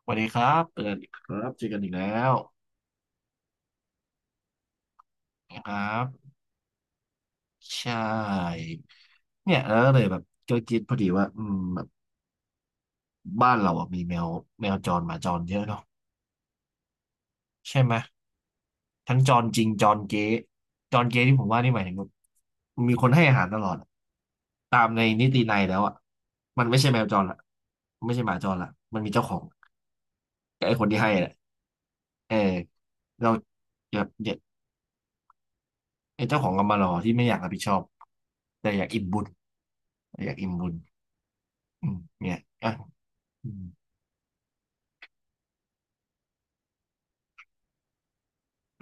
สวัสดีครับเจอกันอีกครับเจอกันอีกแล้วนะครับใช่เนี่ยแล้วเลยแบบก็คิดพอดีว่าแบบบ้านเราอะมีแมวจรหมาจรเยอะเนาะใช่ไหมทั้งจรจริงจรเก๊ที่ผมว่านี่หมายถึงแบบมีคนให้อาหารตลอดอะตามในนิตินัยแล้วอ่ะมันไม่ใช่แมวจรละมันไม่ใช่หมาจรละมันมีเจ้าของกับไอ้คนที่ให้แหละเออเราแบบเนี่ยไอ้เจ้าของกรรมารอที่ไม่อยากรับผิดชอบแต่อยากอิ่มบุญอยากอิ่มบุญ อืมเนี่ยอ่ะอืม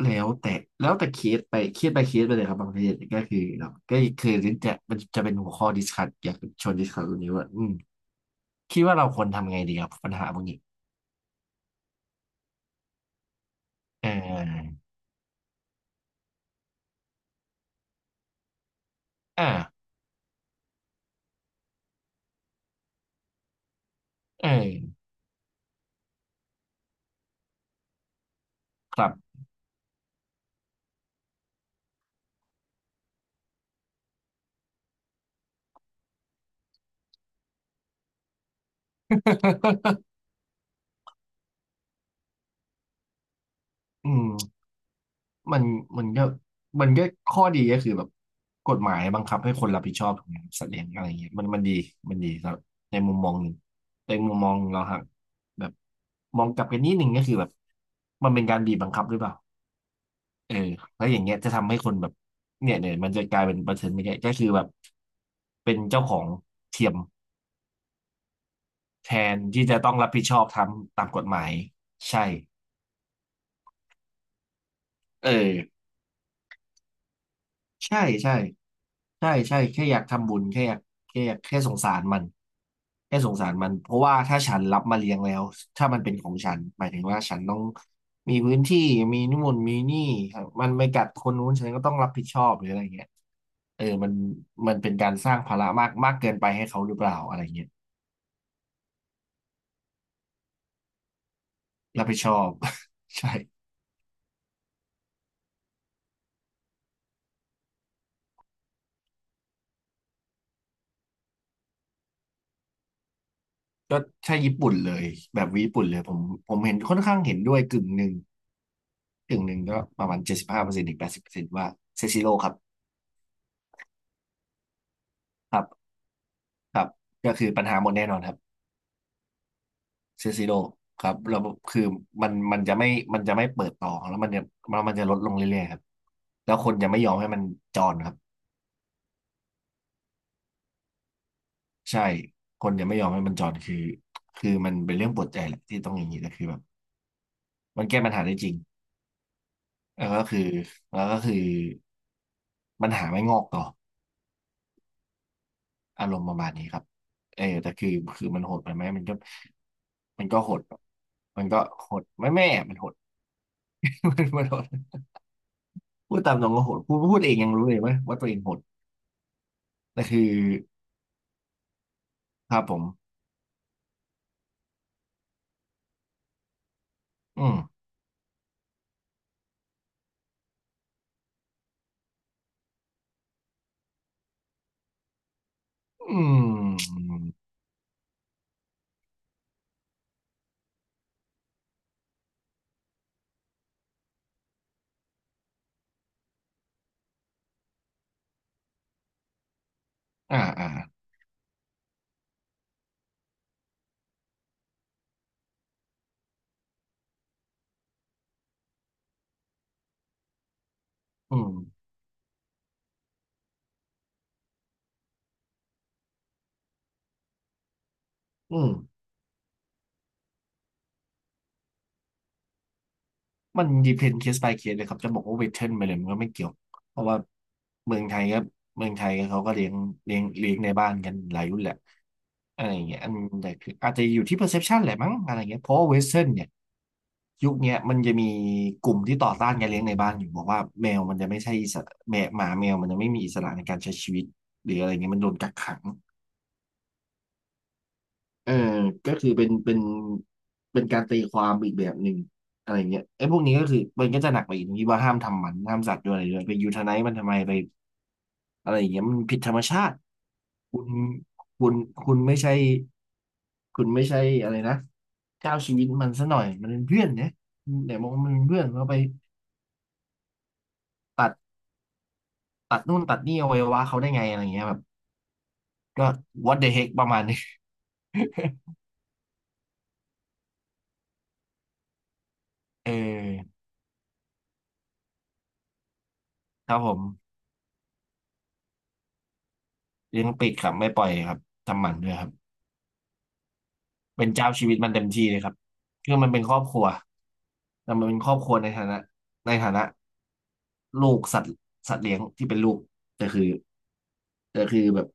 แล้วแต่เคสไปเลยครับบางประเทศก็คือเราก็คือจะเป็นหัวข้อดิสคัสอยากชวนดิสคัสตรงนี้ว่าคิดว่าเราควรทำไงดีครับปัญหาพวกนี้เออ่าอครับ อืม มันมันก็มันก็ข้อดีก็คือแบบกฎหมายบังคับให้คนรับผิดชอบถูกไหมครับสัตว์เลี้ยงอะไรเงี้ยมันดีครับในมุมมองหนึ่งแต่อีกมุมมองเราฮะแบบมองกลับกันนิดหนึ่งก็คือแบบมันเป็นการบีบบังคับหรือเปล่าเออแล้วอย่างเงี้ยจะทำให้คนแบบเนี่ยมันจะกลายเป็นประเด็นไม่ใช่ก็คือแบบเป็นเจ้าของเทียมแทนที่จะต้องรับผิดชอบทำตามกฎหมายใช่เออ ใช่ใช่ใช่ใช่แค่อยากทำบุญแค่อยากแค่สงสารมันแค่สงสารมันเพราะว่าถ้าฉันรับมาเลี้ยงแล้วถ้ามันเป็นของฉันหมายถึงว่าฉันต้องมีพื้นที่มีนู่นมีนี่ครับมันไม่กัดคนนู้นฉันก็ต้องรับผิดชอบหรืออะไรเงี้ยเออมันมันเป็นการสร้างภาระมากมากเกินไปให้เขาหรือเปล่าอะไรเงี้ยรับผิดชอบ ใช่ก็ใช่ญี่ปุ่นเลยแบบญี่ปุ่นเลยผมเห็นค่อนข้างเห็นด้วยกึ่งหนึ่งก็ประมาณ75%ถึง80%ว่าเซซิโร่ครับ ครับครับก็คือปัญหาหมดแน่นอนครับเซซิโดครับแล้วคือมันจะไม่เปิดต่อแล้วมันจะลดลงเรื่อยๆครับแล้วคนจะไม่ยอมให้มันจอนครับใช่คนจะไม่ยอมให้มันจอนคือมันเป็นเรื่องปวดใจแหละที่ต้องอย่างนี้แต่คือแบบมันแก้ปัญหาได้จริงแล้วก็คือแล้วก็คือปัญหาไม่งอกต่ออารมณ์ประมาณนี้ครับเออแต่คือคือมันโหดไปไหมมันก็โหดมันก็โหดไม่แม่มันโหด มันโหด พูดตามตรงก็โหดพูดเองยังรู้เลยว่าตัวเองโหด แต่คือครับผม อืม อืมอ่าอ่าอืม อืม มัน depend case by case เลยครับจะบอกว่า western ไปเลยมันก็ไม่เกี่ยวเพราะว่าเมืองไทยก็เขาก็เลี้ยงเลี้ยงในบ้านกันหลายรุ่นแหละอะไรอย่างเงี้ยอันแต่คืออาจจะอยู่ที่ perception แหละมั้งอะไรเงี้ยเพราะเว่เ western เนี่ยยุคเนี้ยมันจะมีกลุ่มที่ต่อต้านการเลี้ยงในบ้านอยู่บอกว่าแมวมันจะไม่ใช่อิสระแมวหมาแมวมันจะไม่มีอิสระในการใช้ชีวิตหรืออะไรเงี้ยมันโดนกักขัง เออ ก็คือเป็นเป็นการตีความอีกแบบหนึ่งอะไรเงี้ยไอ้พวกนี้ก็คือมันก็จะหนักไปอีกตรงที่ว่าห้ามทำหมันห้ามสัตว์ด้วยอะไรด้วยไปยูทไนายมันทำไมไปอะไรอย่างเงี้ยมันผิดธรรมชาติคุณคุณคุณไม่ใช่อะไรนะเจ้าชีวิตมันซะหน่อยมันเป็นเพื่อนเนี่ยเดี๋ยวมองว่ามันเป็นเพื่อนเราไปตัดนู่นตัดนี่อวัยวะเขาได้ไงอะไรเงี้ยแบบก็ what the heck ประมาณนี้ เออครับผมเลี้ยงปิดครับไม่ปล่อยครับทำหมันด้วยครับ เป็นเจ้าชีวิตมันเต็มที่เลยครับคือมันเป็นครอบครัวแต่มันเป็นครอบครัวในฐานะในฐานะลูกสัตว์สัตว์เลี้ยงที่เป็นลูกแต่คือแบบ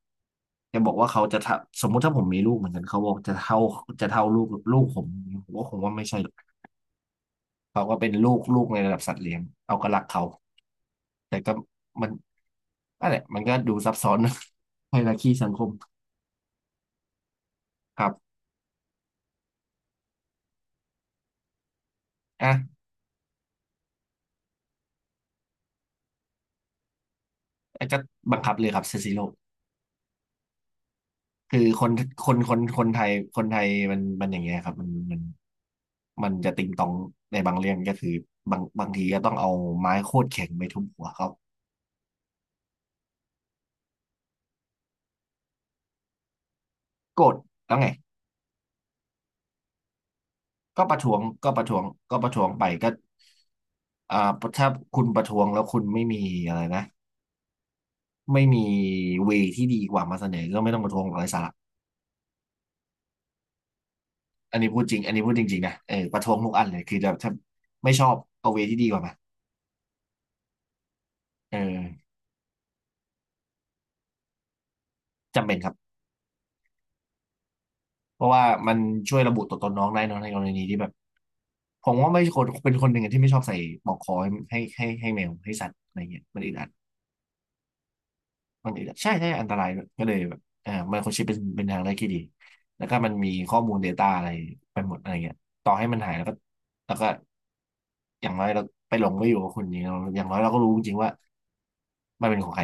จะบอกว่าเขาจะทะสมมุติถ้าผมมีลูกเหมือนกันเขาบอกจะเท่าลูกผมผมวคงว่าไม่ใช่หรอกเขาก็เป็นลูกในระดับสัตว์เลี้ยงเอาก็รักเขาแต่ก็มันนั่นแหละมันก็ดูซับซ้อนนะ ไฮรักีสังคมครับอ่ะแล้วก็บังคับเลยครับเซซิโล คือคนคนไทยคนไทยมันอย่างเงี้ยครับมันมันจะติงตองในบางเรื่องก็คือ บางทีก็ต้องเอาไม้โคตรแข็งไปทุบหัวเขาโกรธแล้วไงก็ประท้วงก็ประท้วงไปก็อ่าถ้าคุณประท้วงแล้วคุณไม่มีอะไรนะไม่มีเวที่ดีกว่ามาเสนอก็ไม่ต้องประท้วงอะไรสาระอันนี้พูดจริงๆนะเออประท้วงทุกอันเลยคือจะถ้าไม่ชอบเอาเวที่ดีกว่ามาเออจำเป็นครับ เพราะว่ามันช่วยระบุตัวตนน้องได้เนอะในกรณีที่แบบผมว่าไม่คนเป็นคนหนึ่งอะที่ไม่ชอบใส่ปลอกคอให้แมวให้สัตว์อะไรเงี้ยมันอึดอัดมันอึดอัดใช่ใช่อันตรายด้วยก็เลยแบบไมโครชิปเป็นทางเลือกที่ดีแล้วก็มันมีข้อมูล Data อะไรไปหมดอะไรเงี้ยต่อให้มันหายแล้วก็แล้วก็อย่างน้อยเราไปหลงไปอยู่กับคนนี้เราอย่างน้อยเราก็รู้จริงๆว่ามันเป็นของใคร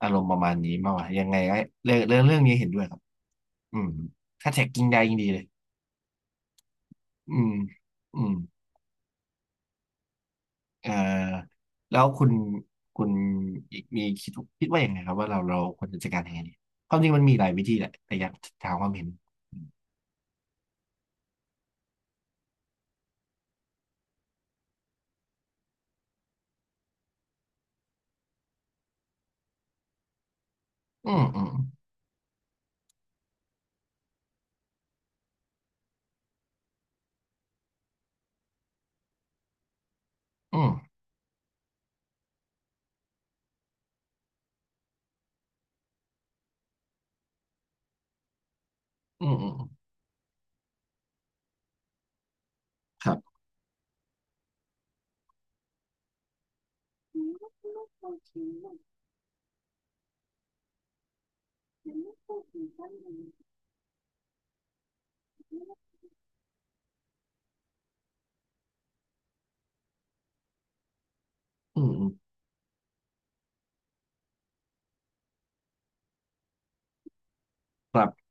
อารมณ์ประมาณนี้มากกว่ายังไงก็เรื่องนี้เห็นด้วยครับอืมถ้าแท็กกิ้งได้ยิ่งดีเลยอืมอืม เอ่อแล้วคุณอีกมีคิดคิดว่าอย่างไงครับว่าเราควรจะจัดการยังไงดีความจริงมันมีหลายวิธีแหละแต่อยากถามความเห็นอืมอืมอืมอืมอืมครับอืมอืมครับ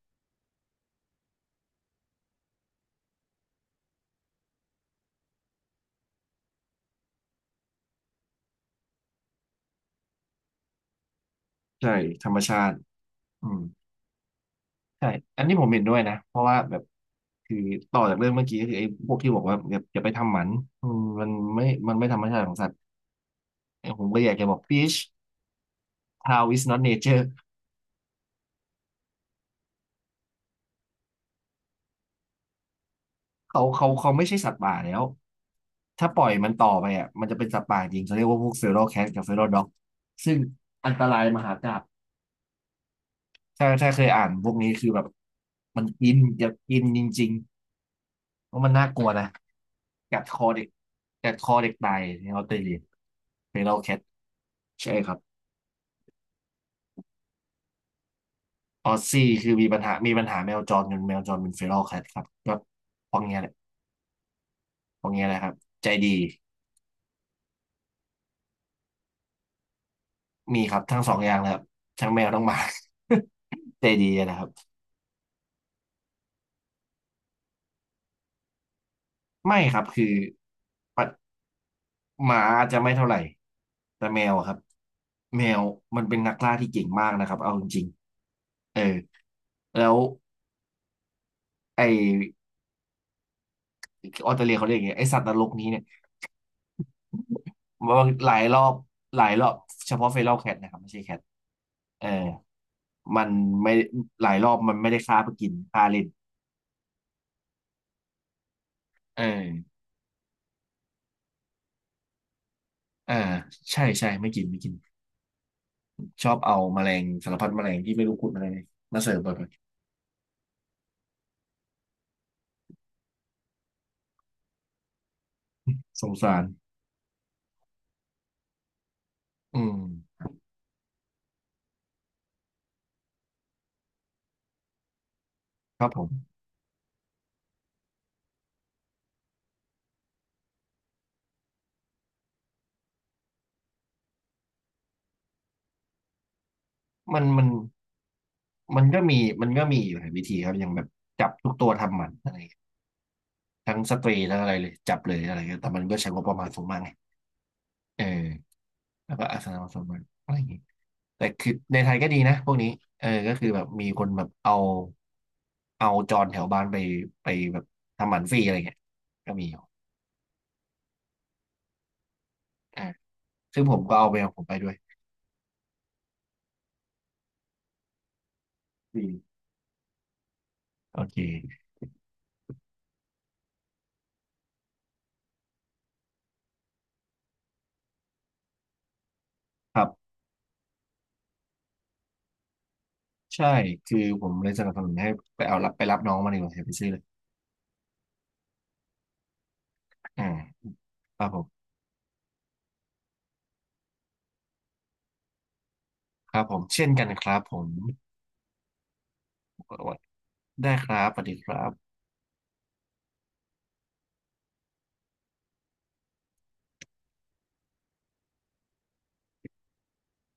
ใช่ธรรมชาติอืมใช่อันนี้ผมเห็นด้วยนะเพราะว่าแบบคือต่อจากเรื่องเมื่อกี้ก็คือไอ้พวกที่บอกว่าแบบอย่าไปทำหมันอืมมันไม่ธรรมชาติของสัตว์ไอ้ผมก็อยากจะบอก fish cow is not nature เขาไม่ใช่สัตว์ป่าแล้วถ้าปล่อยมันต่อไปอ่ะมันจะเป็นสัตว์ป่าจริงเขาเรียกว่าพวกเฟโรแคทกับเฟโรด็อกซึ่งอันตรายมหากาพย์ถ้าเคยอ่านพวกนี้คือแบบมันกินอยากกินจริงๆเพราะมันน่ากลัวนะกัดคอเด็กกัดคอเด็กตายในออสเตรเลียเฟโรแคทใช่ครับออสซี่คือมีปัญหามีปัญหาแมวจรจนแมวจรเป็นเฟโรลแคทครับก็พวกเนี้ยแหละพวกเนี้ยแหละครับใจดีมีครับทั้งสองอย่างเลยครับทั้งแมวทั้งหมา ใจดีนะครับ ไม่ครับคือปัดหมาอาจจะไม่เท่าไหร่แต่แมวอะครับแมวมันเป็นนักล่าที่เก่งมากนะครับเอาจริงๆเออแล้วไอออสเตรเลียเขาเรียกอย่างเงี้ยไอสัตว์นรกนี้เนี่ยัหลายรอบหลายรอบเฉพาะเฟรัลแคทนะครับไม่ใช่แคทเออมันไม่หลายรอบมันไม่ได้ฆ่าเพื่อกินฆ่าเล่นเอออ่าใช่ใช่ไม่กินไม่กินชอบเอาแมลงสารพัดแมลงที่ไม่รู้คุณอะไรมาเสิร์ฟบ่อยๆสงสารอืมครับผมมัน มันก็มีมันก็มีอยู่หลายวิธีครับอย่างแบบจับทุกตัวทำหมันอะไรอย่างเงี้ยทั้งสเตรย์ทั้งอะไรเลยจับเลยอะไรเงี้ยแต่มันก็ใช้งบประมาณสูงมากไงเออแล้วก็อาสนะสูงมากอะไรอย่างเงี้ยแต่คือในไทยก็ดีนะพวกนี้เออก็คือแบบมีคนแบบเอาจรแถวบ้านไปแบบทำหมันฟรีอะไรเงี้ยก็มีอยู่อ่าซึ่งผมก็เอาไปของผมไปด้วยฟรีโอเคครับใช่คือผมเลยสนับสนุนให้ไปเอารับไปรับน้องมาดีกว่าอย่าไปซื้อเลยอ่าครับผม ครับผมเช่นกันครับผมได้ครับสวัสดีครับ